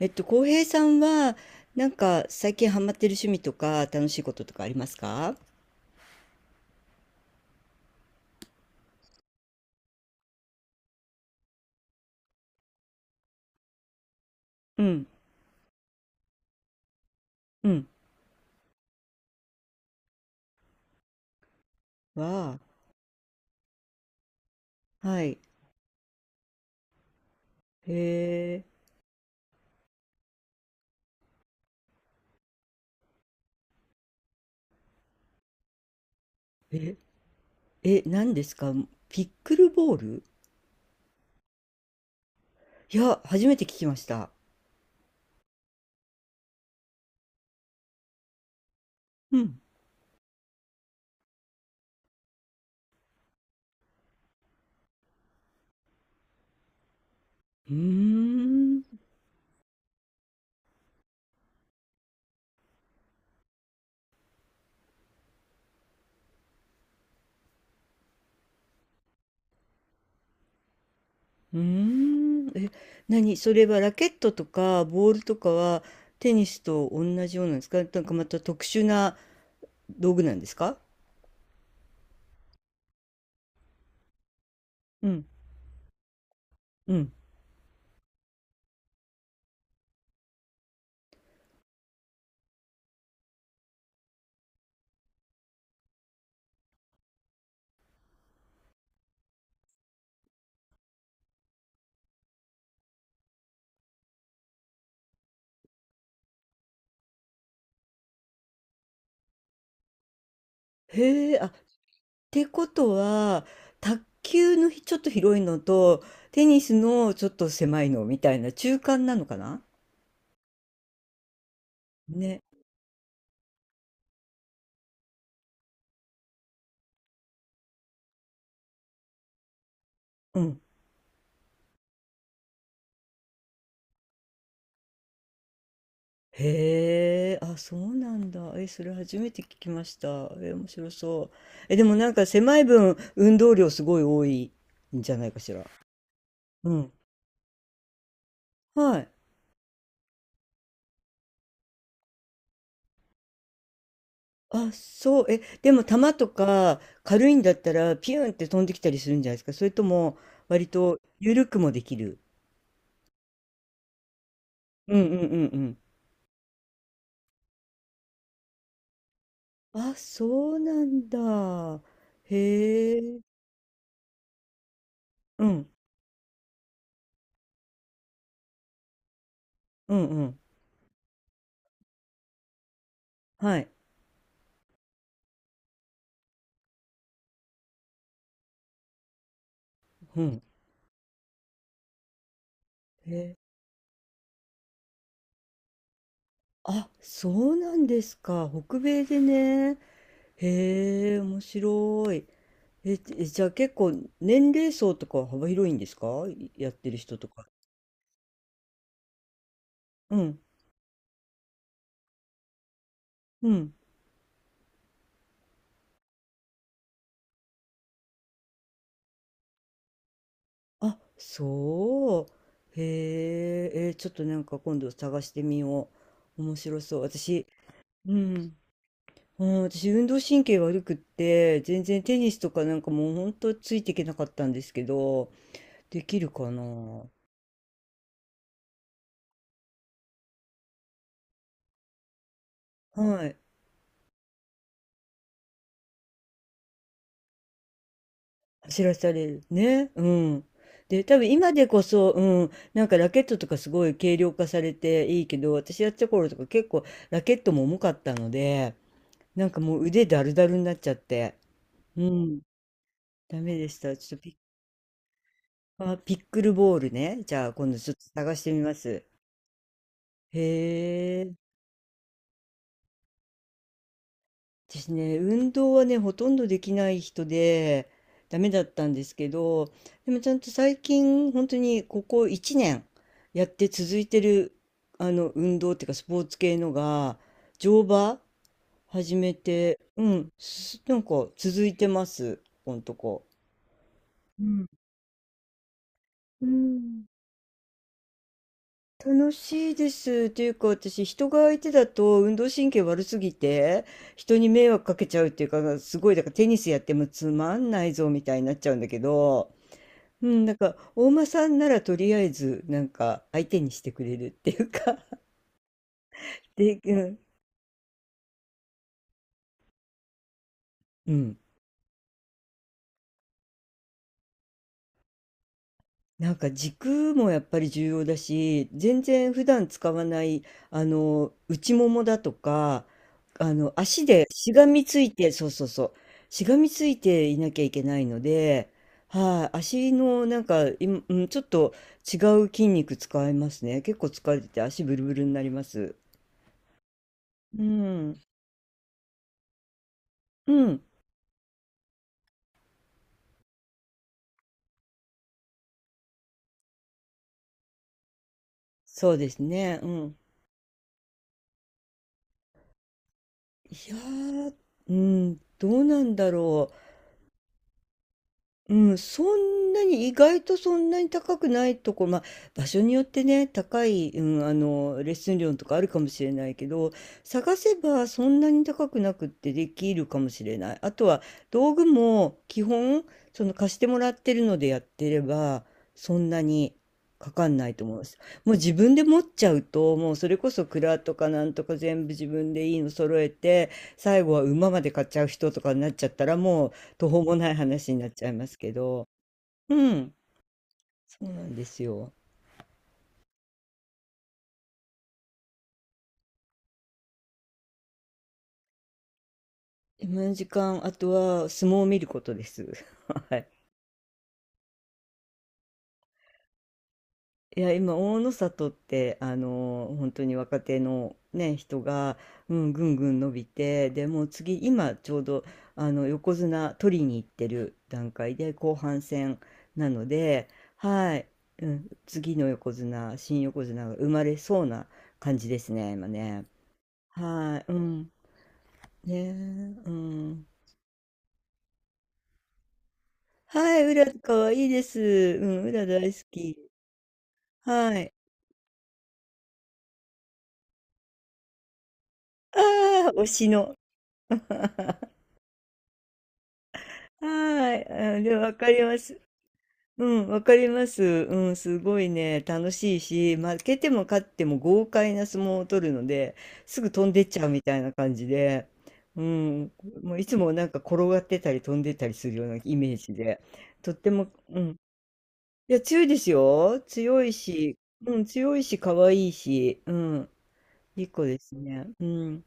浩平さんは、最近ハマってる趣味とか、楽しいこととかありますか？うん、うん。わあ、はい。へえ、え、え、何ですか？ピックルボール？いや、初めて聞きました。うん。うーん、うーん。え、何？それはラケットとか、ボールとかは、テニスと同じようなんですか？なんかまた特殊な道具なんですか？うん、うん。へえ、あ、てことは、卓球のひちょっと広いのと、テニスのちょっと狭いのみたいな中間なのかな。ね。うん。へえ、あ、そうなんだ。え、それ初めて聞きました。え、面白そう。え、でもなんか狭い分、運動量すごい多いんじゃないかしら。うん。はい。あ、そう。え、でも球とか軽いんだったら、ピューンって飛んできたりするんじゃないですか。それとも、割と緩くもできる。うんうんうんうん。あ、そうなんだ。へえ。うん、うん、うん。はい。うん。へえ。あ、そうなんですか。北米でね。へえ、面白い。え、じえじゃあ結構年齢層とかは幅広いんですか？いやってる人とか。うん、うん。あ、そう。へえ、え、ちょっとなんか今度探してみよう。面白そう。私、うん。うん、私運動神経悪くって全然テニスとかなんかもうほんとついていけなかったんですけど、できるかな？はい。走らされるね。うんで多分今でこそ、うん、なんかラケットとかすごい軽量化されていいけど、私やってた頃とか結構ラケットも重かったので、なんかもう腕だるだるになっちゃって、うん、ダメでした。ちょっとピッ、あ、ピックルボールね、じゃあ今度ちょっと探してみます。へえ。私ね、運動はね、ほとんどできない人で、ダメだったんですけど、でもちゃんと最近、本当にここ1年やって続いてる、運動っていうか、スポーツ系のが、乗馬始めて、うん、なんか続いてます、ここんとこ。うん。うん、楽しいです。っていうか、私、人が相手だと運動神経悪すぎて、人に迷惑かけちゃうっていうか、すごい、だからテニスやってもつまんないぞみたいになっちゃうんだけど、うん、大間さんならとりあえず、相手にしてくれるっていうか、で、うん、うん、なんか軸もやっぱり重要だし、全然普段使わない、内ももだとか、足でしがみついて、そうそうそう、しがみついていなきゃいけないので、はい、足のなんか、いちょっと違う筋肉使いますね。結構疲れてて足ブルブルになります。うん、うん、そうですね、うん。いやー、うん、どうなんだろう。うん、そんなに、意外とそんなに高くないとこ、まあ、場所によってね、高い、うん、レッスン料とかあるかもしれないけど、探せばそんなに高くなくってできるかもしれない。あとは道具も基本、その、貸してもらってるのでやってれば、そんなにかかんないと思います。もう自分で持っちゃうと、もうそれこそ蔵とかなんとか全部自分でいいの揃えて、最後は馬まで買っちゃう人とかになっちゃったら、もう途方もない話になっちゃいますけど、うん、そうなんですよ。今の時間、あとは相撲を見ることです。はい。いや、今、大の里って、本当に若手のね、人が、うん、ぐんぐん伸びて、でもう次、今、ちょうど、横綱取りに行ってる段階で、後半戦なので、はい、うん、次の横綱、新横綱が生まれそうな感じですね、今ね。はい、うん。ねえ、うん。はい、ウラ可愛いです。うん、う大好き。はい。ああ、推しの。はい。あ、でわかります。うん、わかります。うん、すごいね、楽しいし、負けても勝っても豪快な相撲を取るので、すぐ飛んでっちゃうみたいな感じで、うん、もういつもなんか転がってたり飛んでったりするようなイメージで、とっても、うん。いや、強いですよ。強いし、うん、強いし、可愛いし、うん。2個ですね。うん。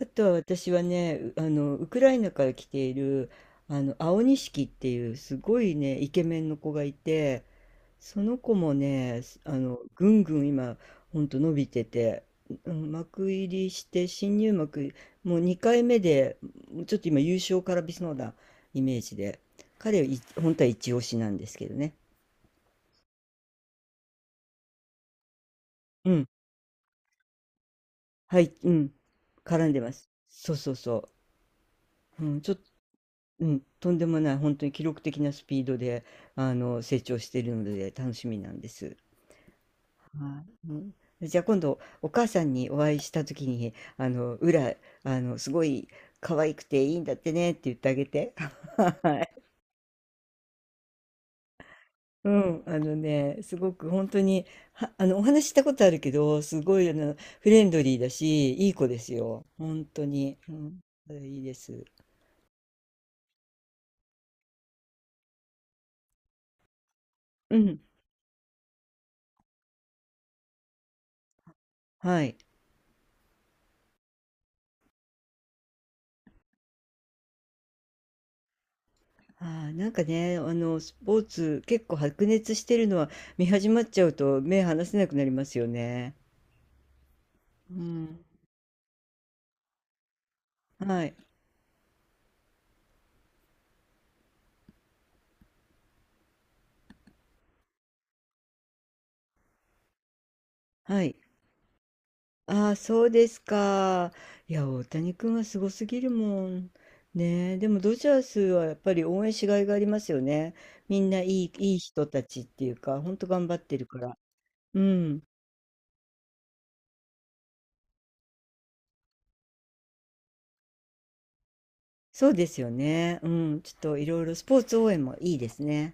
あとは私はね、うウクライナから来ている、青錦っていうすごいね、イケメンの子がいて、その子もね、すぐんぐん今、ほんと伸びてて、うん幕入りして、新入幕、もう2回目で、ちょっと今優勝からびそうなイメージで、彼はい、本当は一押しなんですけどね。うん。はい、うん。絡んでます。そうそうそう。うん、ちょっうん、とんでもない、本当に記録的なスピードで、成長しているので楽しみなんです。はい。うん。じゃあ今度お母さんにお会いした時に、「裏、すごい可愛くていいんだってね」って言ってあげて。はい。うん、あのね、すごく本当に、はお話ししたことあるけど、すごい、フレンドリーだし、いい子ですよ。本当に。うん、それいいです。うん、はい。ああ、なんかね、スポーツ結構白熱してるのは見始まっちゃうと目離せなくなりますよね。うん。はい。はい。ああ、そうですか。いや、大谷君はすごすぎるもん。ねえ、でもドジャースはやっぱり応援しがいがありますよね。みんないい、いい人たちっていうか、ほんと頑張ってるから。うん。そうですよね。うん。ちょっといろいろスポーツ応援もいいですね。